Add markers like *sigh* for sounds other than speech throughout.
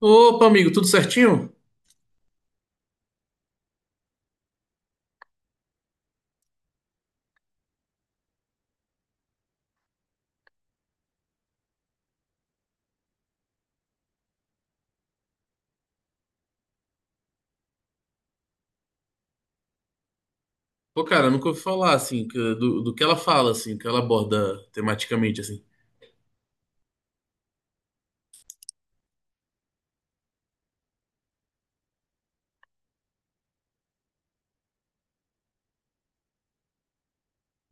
Opa, amigo, tudo certinho? Pô, cara, nunca ouvi falar, assim, do que ela fala, assim, que ela aborda tematicamente, assim.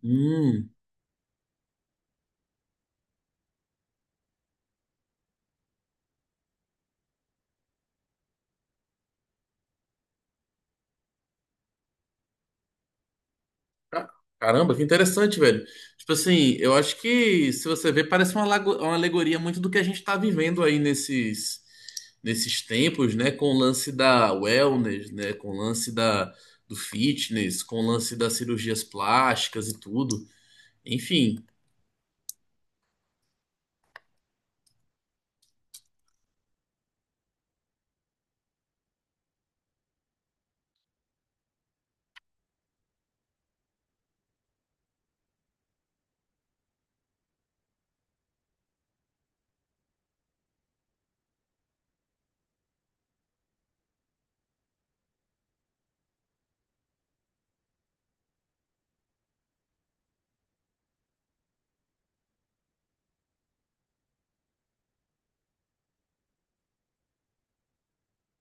Hum, ca- caramba, que interessante, velho. Tipo assim, eu acho que, se você ver, parece uma, uma alegoria muito do que a gente tá vivendo aí nesses tempos, né? Com o lance da wellness, né? Com o lance da, do fitness, com o lance das cirurgias plásticas e tudo. Enfim,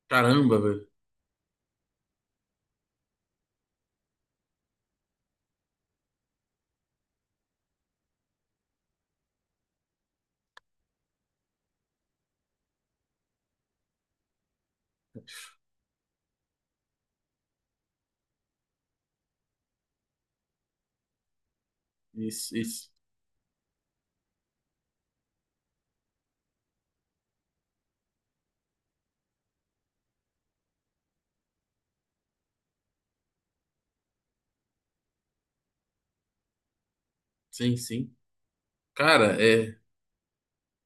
caramba, velho. Isso, isso. Sim, sim. Cara, é.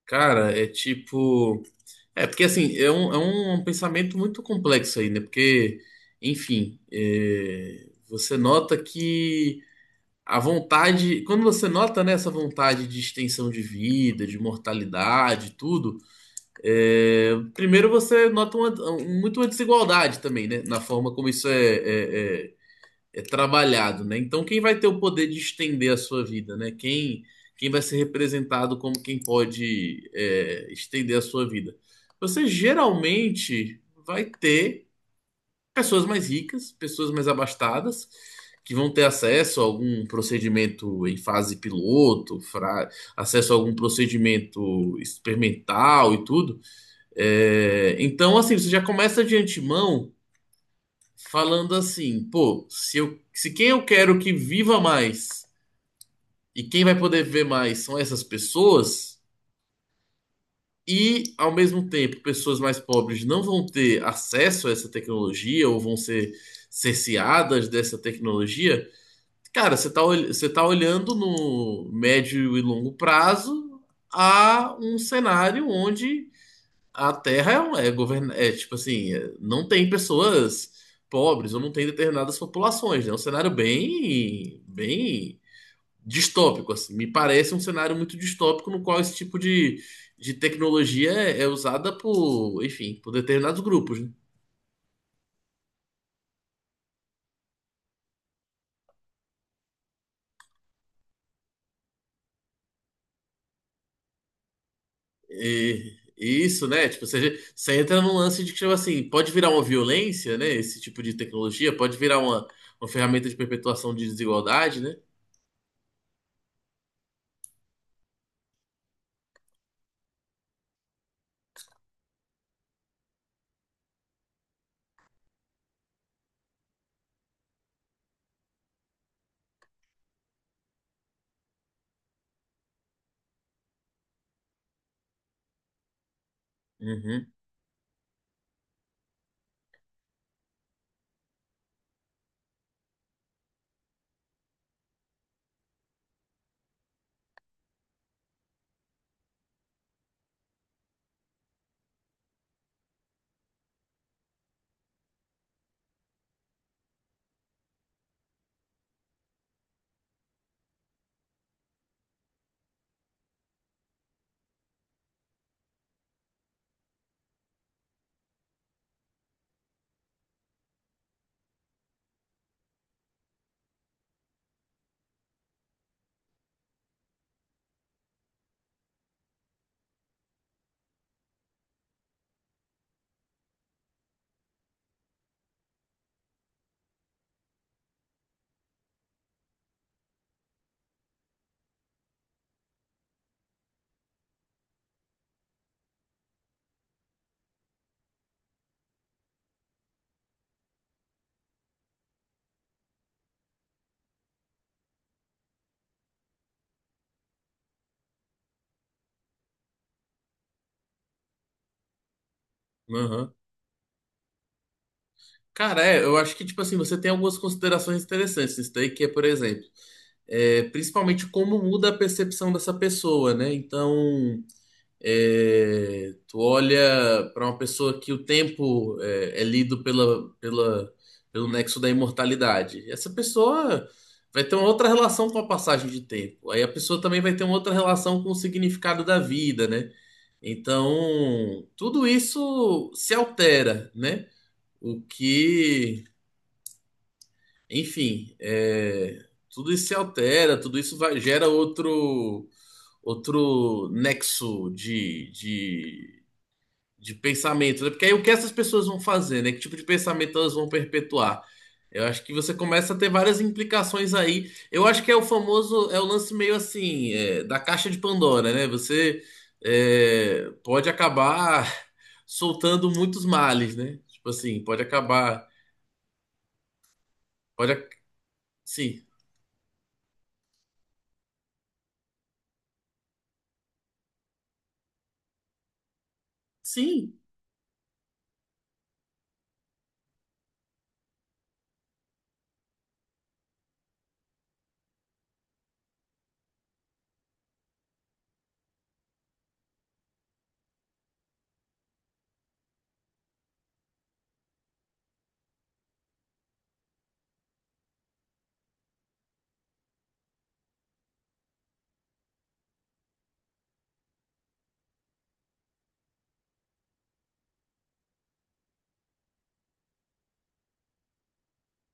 Cara, é tipo. É, porque assim, é um pensamento muito complexo aí, né? Porque, enfim, você nota que a vontade. Quando você nota, né, essa vontade de extensão de vida, de mortalidade, tudo, primeiro você nota muito uma desigualdade também, né? Na forma como isso é trabalhado, né? Então, quem vai ter o poder de estender a sua vida, né? Quem, quem vai ser representado como quem pode estender a sua vida? Você geralmente vai ter pessoas mais ricas, pessoas mais abastadas, que vão ter acesso a algum procedimento em fase piloto, acesso a algum procedimento experimental e tudo. É, então, assim, você já começa de antemão falando assim, pô, se eu, se quem eu quero que viva mais e quem vai poder ver mais são essas pessoas, e ao mesmo tempo pessoas mais pobres não vão ter acesso a essa tecnologia ou vão ser cerceadas dessa tecnologia, cara, você tá olhando no médio e longo prazo a um cenário onde a Terra é tipo assim, não tem pessoas pobres ou não tem determinadas populações, né? É um cenário bem, bem distópico, assim. Me parece um cenário muito distópico no qual esse tipo de tecnologia é usada por, enfim, por determinados grupos, né? E isso, né? Tipo, você, você entra num lance de que, tipo assim, pode virar uma violência, né? Esse tipo de tecnologia pode virar uma ferramenta de perpetuação de desigualdade, né? Uhum, uhum. Cara, é, eu acho que, tipo assim, você tem algumas considerações interessantes nisso daí, que é, por exemplo, principalmente como muda a percepção dessa pessoa, né? Então, tu olha para uma pessoa que o tempo é lido pelo nexo da imortalidade. Essa pessoa vai ter uma outra relação com a passagem de tempo. Aí a pessoa também vai ter uma outra relação com o significado da vida, né? Então, tudo isso se altera, né? O que enfim, tudo isso se altera, tudo isso vai, gera outro nexo de pensamento, né? Porque aí o que essas pessoas vão fazer, né? Que tipo de pensamento elas vão perpetuar? Eu acho que você começa a ter várias implicações aí. Eu acho que é o famoso, é o lance meio assim, da caixa de Pandora, né? Você pode acabar *laughs* soltando muitos males, né? Tipo assim, pode acabar, pode, ac- sim, sim.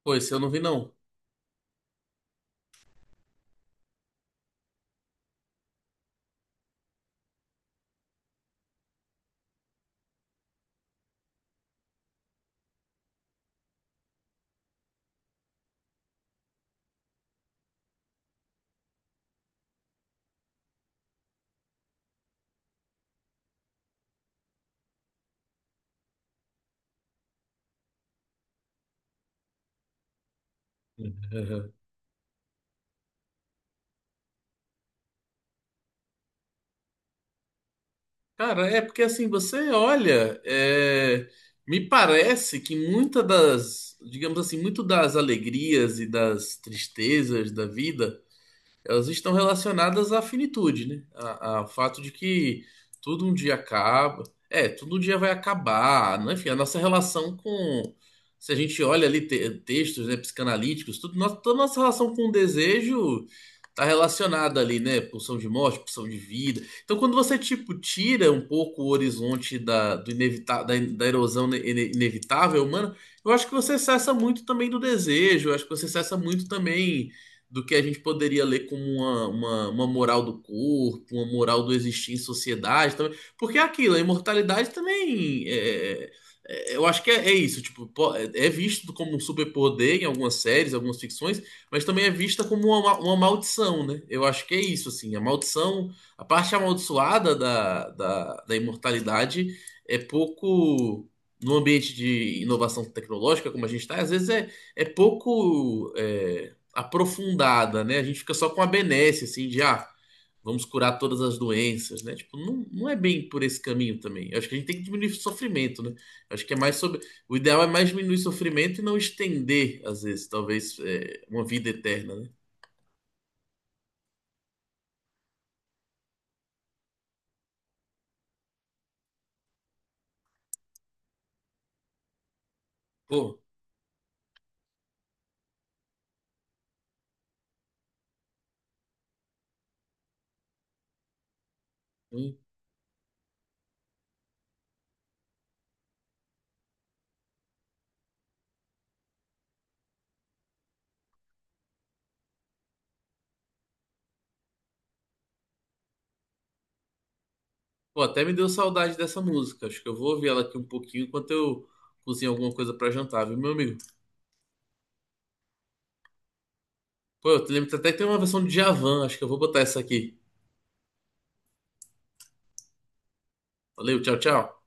Pô, esse eu não vi, não. *laughs* Uhum. Cara, é porque assim, você olha, me parece que muita das, digamos assim, muito das alegrias e das tristezas da vida. Elas estão relacionadas à finitude, né? Ao fato de que tudo um dia acaba. É, tudo um dia vai acabar, né? Enfim, a nossa relação com. Se a gente olha ali textos, né, psicanalíticos, tudo, nossa, toda nossa relação com o desejo está relacionada ali, né? Pulsão de morte, pulsão de vida. Então, quando você, tipo, tira um pouco o horizonte da, da erosão inevitável humana, eu acho que você cessa muito também do desejo, eu acho que você cessa muito também do que a gente poderia ler como uma moral do corpo, uma moral do existir em sociedade. Também. Porque é aquilo, a imortalidade também. É- eu acho que é isso. Tipo, é é visto como um superpoder em algumas séries, algumas ficções, mas também é vista como uma, uma maldição, né? Eu acho que é isso, assim. A maldição, a parte amaldiçoada da imortalidade é pouco. No ambiente de inovação tecnológica, como a gente está, às vezes é pouco. Aprofundada, né? A gente fica só com a benesse, assim, de ah, vamos curar todas as doenças, né? Tipo, não, não é bem por esse caminho também. Eu acho que a gente tem que diminuir o sofrimento, né? Eu acho que é mais sobre. O ideal é mais diminuir o sofrimento e não estender, às vezes, talvez, uma vida eterna, né? Pô, hum. Pô, até me deu saudade dessa música. Acho que eu vou ouvir ela aqui um pouquinho enquanto eu cozinho alguma coisa pra jantar, viu, meu amigo? Pô, eu te lembro que até que tem uma versão de Javan, acho que eu vou botar essa aqui. Valeu, tchau, tchau.